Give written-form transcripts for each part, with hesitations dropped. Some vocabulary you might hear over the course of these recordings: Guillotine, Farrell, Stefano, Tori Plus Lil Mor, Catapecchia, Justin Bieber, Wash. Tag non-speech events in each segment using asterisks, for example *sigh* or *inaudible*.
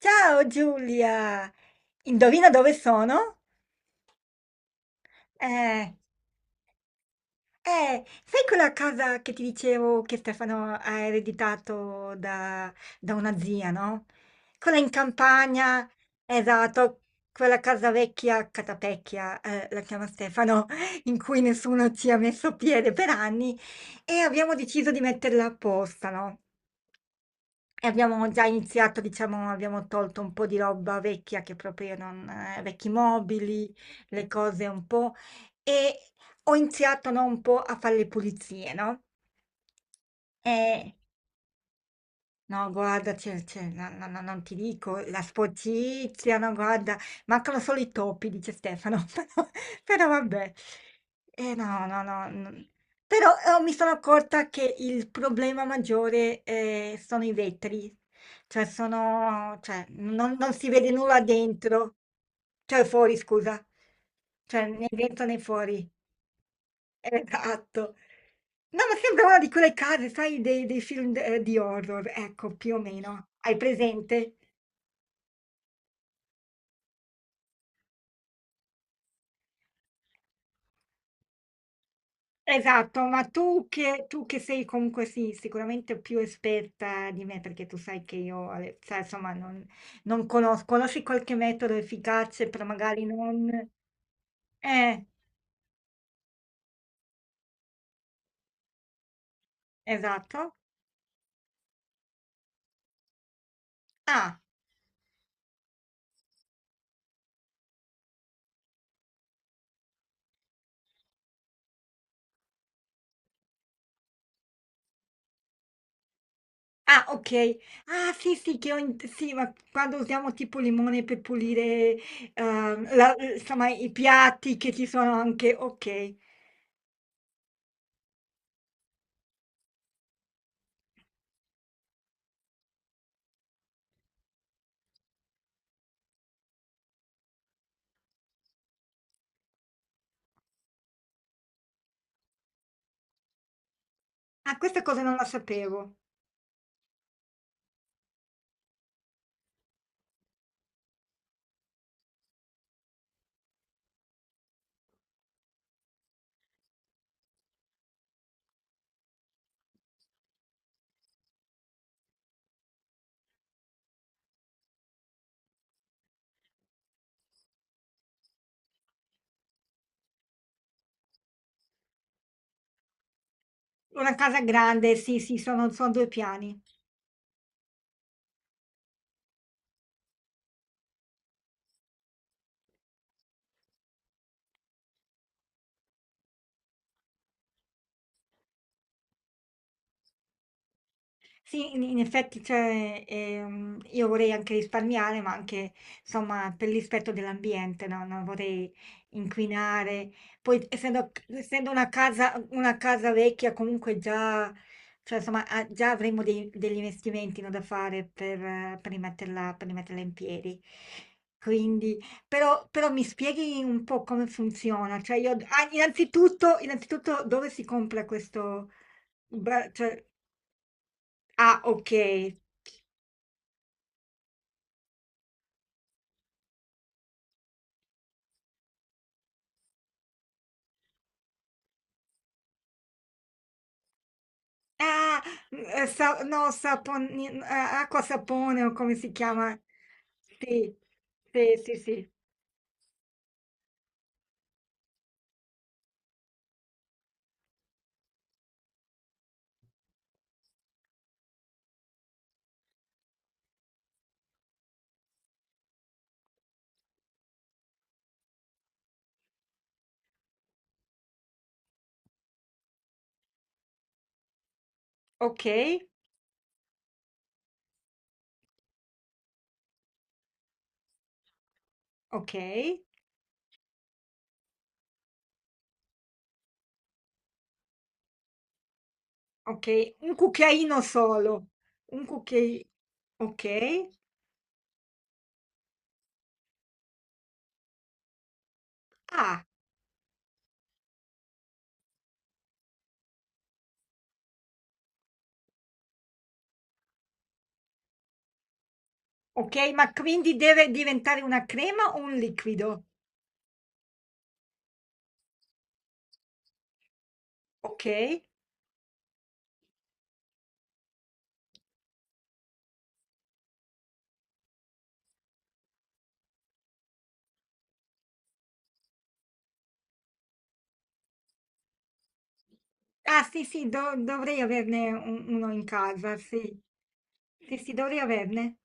Ciao Giulia, indovina dove sono? Eh, sai quella casa che ti dicevo che Stefano ha ereditato da una zia, no? Quella in campagna, esatto, quella casa vecchia, Catapecchia, la chiama Stefano, *laughs* in cui nessuno ci ha messo piede per anni e abbiamo deciso di metterla apposta, no? E abbiamo già iniziato, diciamo, abbiamo tolto un po' di roba vecchia che proprio non, vecchi mobili, le cose un po', e ho iniziato, no, un po' a fare le pulizie, no? E no, guarda, non ti dico, la sporcizia, no, guarda, mancano solo i topi, dice Stefano, *laughs* però, però vabbè. Eh no, no, no. No. Però mi sono accorta che il problema maggiore sono i vetri, cioè sono, cioè, non, non si vede nulla dentro, cioè fuori, scusa, cioè né dentro né fuori. Esatto. No, ma sembra una di quelle case, sai, dei film di horror, ecco, più o meno. Hai presente? Esatto, ma tu che sei comunque sì, sicuramente più esperta di me, perché tu sai che io, sai, insomma, non conosco, conosci qualche metodo efficace, però magari non... Eh, esatto. Ah. Ah, okay. Ah, sì, sì, che ho in sì, ma quando usiamo tipo limone per pulire, la insomma i piatti che ci sono anche okay. Ah, questa cosa non la sapevo. Una casa grande, sì, sì, sono son 2 piani. Sì, in effetti, cioè, io vorrei anche risparmiare, ma anche, insomma, per il rispetto dell'ambiente, no? Non vorrei inquinare. Poi, essendo una una casa vecchia, comunque già, cioè, insomma, ah, già avremo degli investimenti, no, da fare per per rimetterla in piedi. Quindi, però mi spieghi un po' come funziona. Cioè, io, ah, innanzitutto, dove si compra questo, bra- cioè, ah, okay. Ah, mhmm, sa no, saponin a acqua sapone o come si chiama? Sì, sì, sì, sì. Okay, okay, okay. Un cucchiaino solo, un cucchiai okay. Ah, okay, ma quindi deve diventare una crema o un liquido? Okay. Ah, sì, sì, do dovrei averne u uno in casa, sì. Sì, sì, dovrei averne.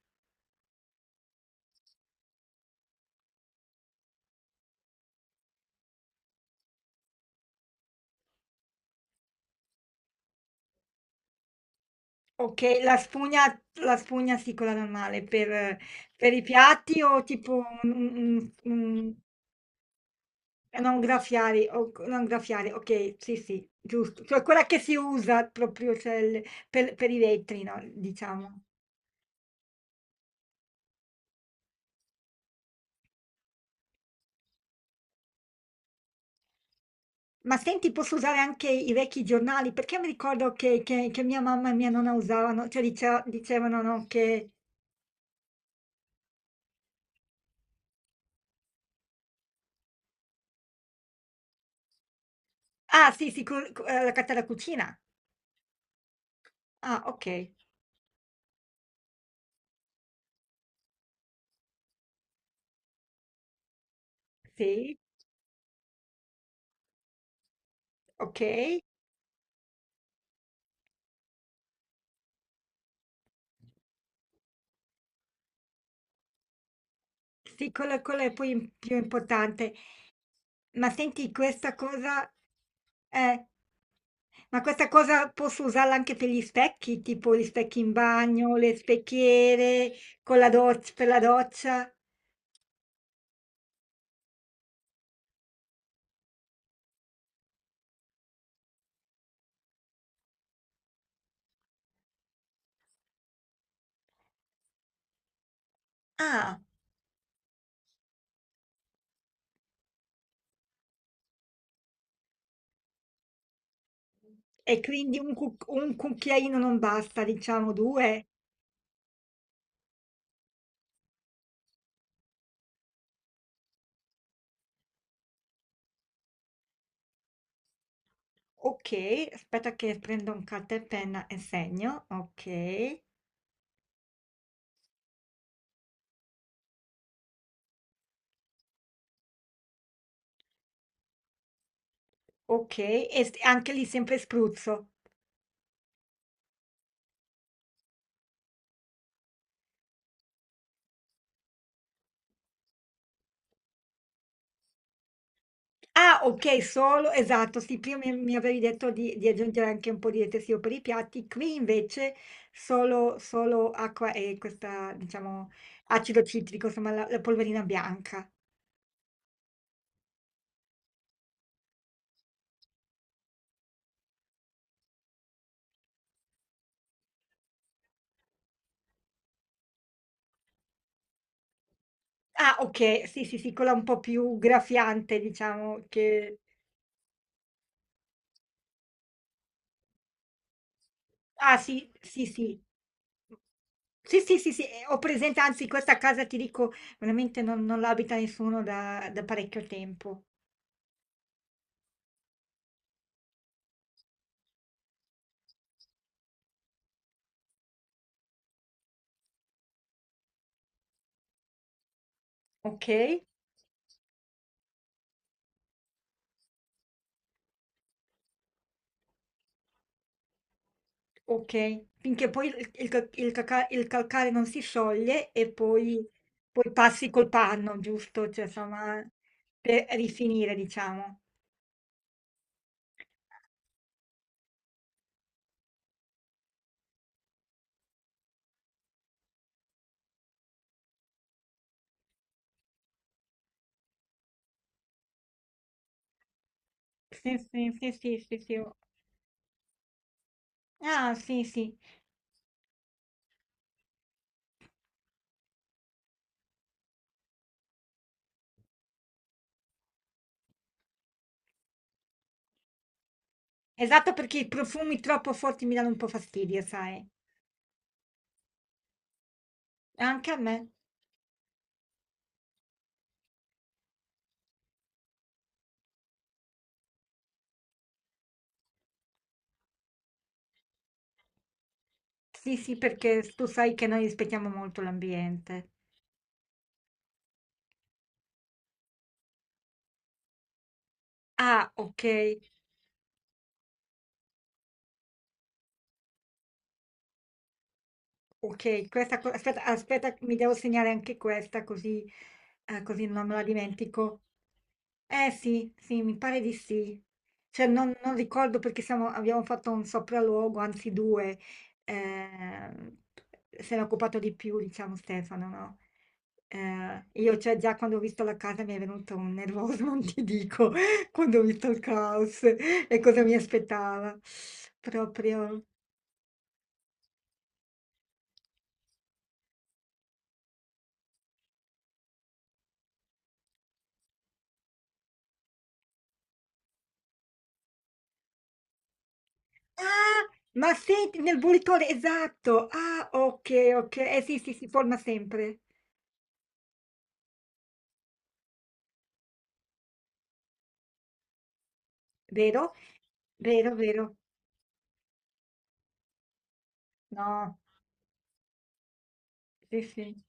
Okay, la spugna sì, quella normale, per i piatti o tipo un e non graffiari o c non graffiare, okay, sì, sì, giusto. Cioè quella che si usa proprio, cioè il per i vetri, no, diciamo. Ma senti, posso usare anche i vecchi giornali? Perché mi ricordo che mia mamma e mia nonna usavano, cioè dicea dicevano, no, che ah, sì, sì, co co la carta da cucina. Ah, okay. Sì, okay. Sì, quello è poi più importante. Ma senti, questa cosa, eh, ma questa cosa posso usarla anche per gli specchi, tipo gli specchi in bagno, le specchiere con la per la doccia. Ah, e quindi un, un cucchiaino non basta, diciamo due. Ok, aspetta che prendo un carta e penna e segno. Ok, ok, e anche lì sempre spruzzo. Ah, okay, solo esatto, sì, prima mi avevi detto di aggiungere anche un po' di detersivo per i piatti, qui invece solo solo acqua e questa diciamo acido citrico, insomma la polverina bianca. Ah, okay, sì, sì, sì, quella un po' più graffiante diciamo che ah sì, sì, sì. Sì, sì, sì, sì, ho presente, anzi questa casa ti dico veramente non non l'abita nessuno da da parecchio tempo. Okay. Okay. Finché poi il ca il caca il calcare non si scioglie e poi poi passi col panno, giusto? Cioè insomma per rifinire diciamo. Sì, sì, sì, sì, sì, sì. Ho ah, sì, sì. Esatto, perché i profumi troppo forti mi danno un po' fastidio, sai. Anche a me. Sì, sì, perché s tu sai che noi rispettiamo molto l'ambiente. Ah, okay. Ok, questa aspetta, aspetta, mi devo segnare anche questa così, così non me la dimentico. Eh sì, sì, mi pare di sì. Cioè non, non ricordo perché abbiamo fatto un sopralluogo, anzi due. Ehm, se n'è occupato di più, diciamo Stefano, no? Io cioè già quando ho visto la casa mi è venuto un nervoso, *laughs* non ti dico, quando ho visto il caos e cosa mi aspettava. Proprio. Ah, ma senti nel bollitore, esatto. Ah, ok, ok. Eh sì, sì, si forma sempre, vero? Vero, vero. No, sì, sì.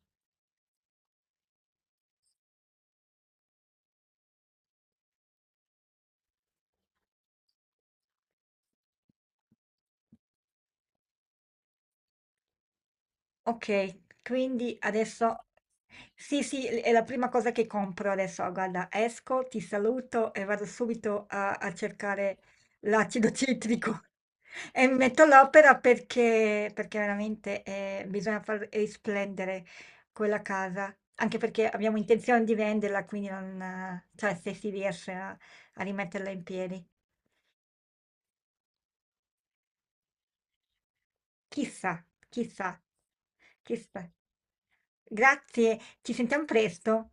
Ok, quindi adesso sì, sì, è la prima cosa che compro adesso. Guarda, esco, ti saluto e vado subito a cercare l'acido citrico *laughs* e mi metto all'opera perché, perché veramente bisogna far risplendere quella casa, anche perché abbiamo intenzione di venderla, quindi non, cioè se si riesce a rimetterla in piedi. Chissà, chissà, chissà. Grazie, ci sentiamo presto.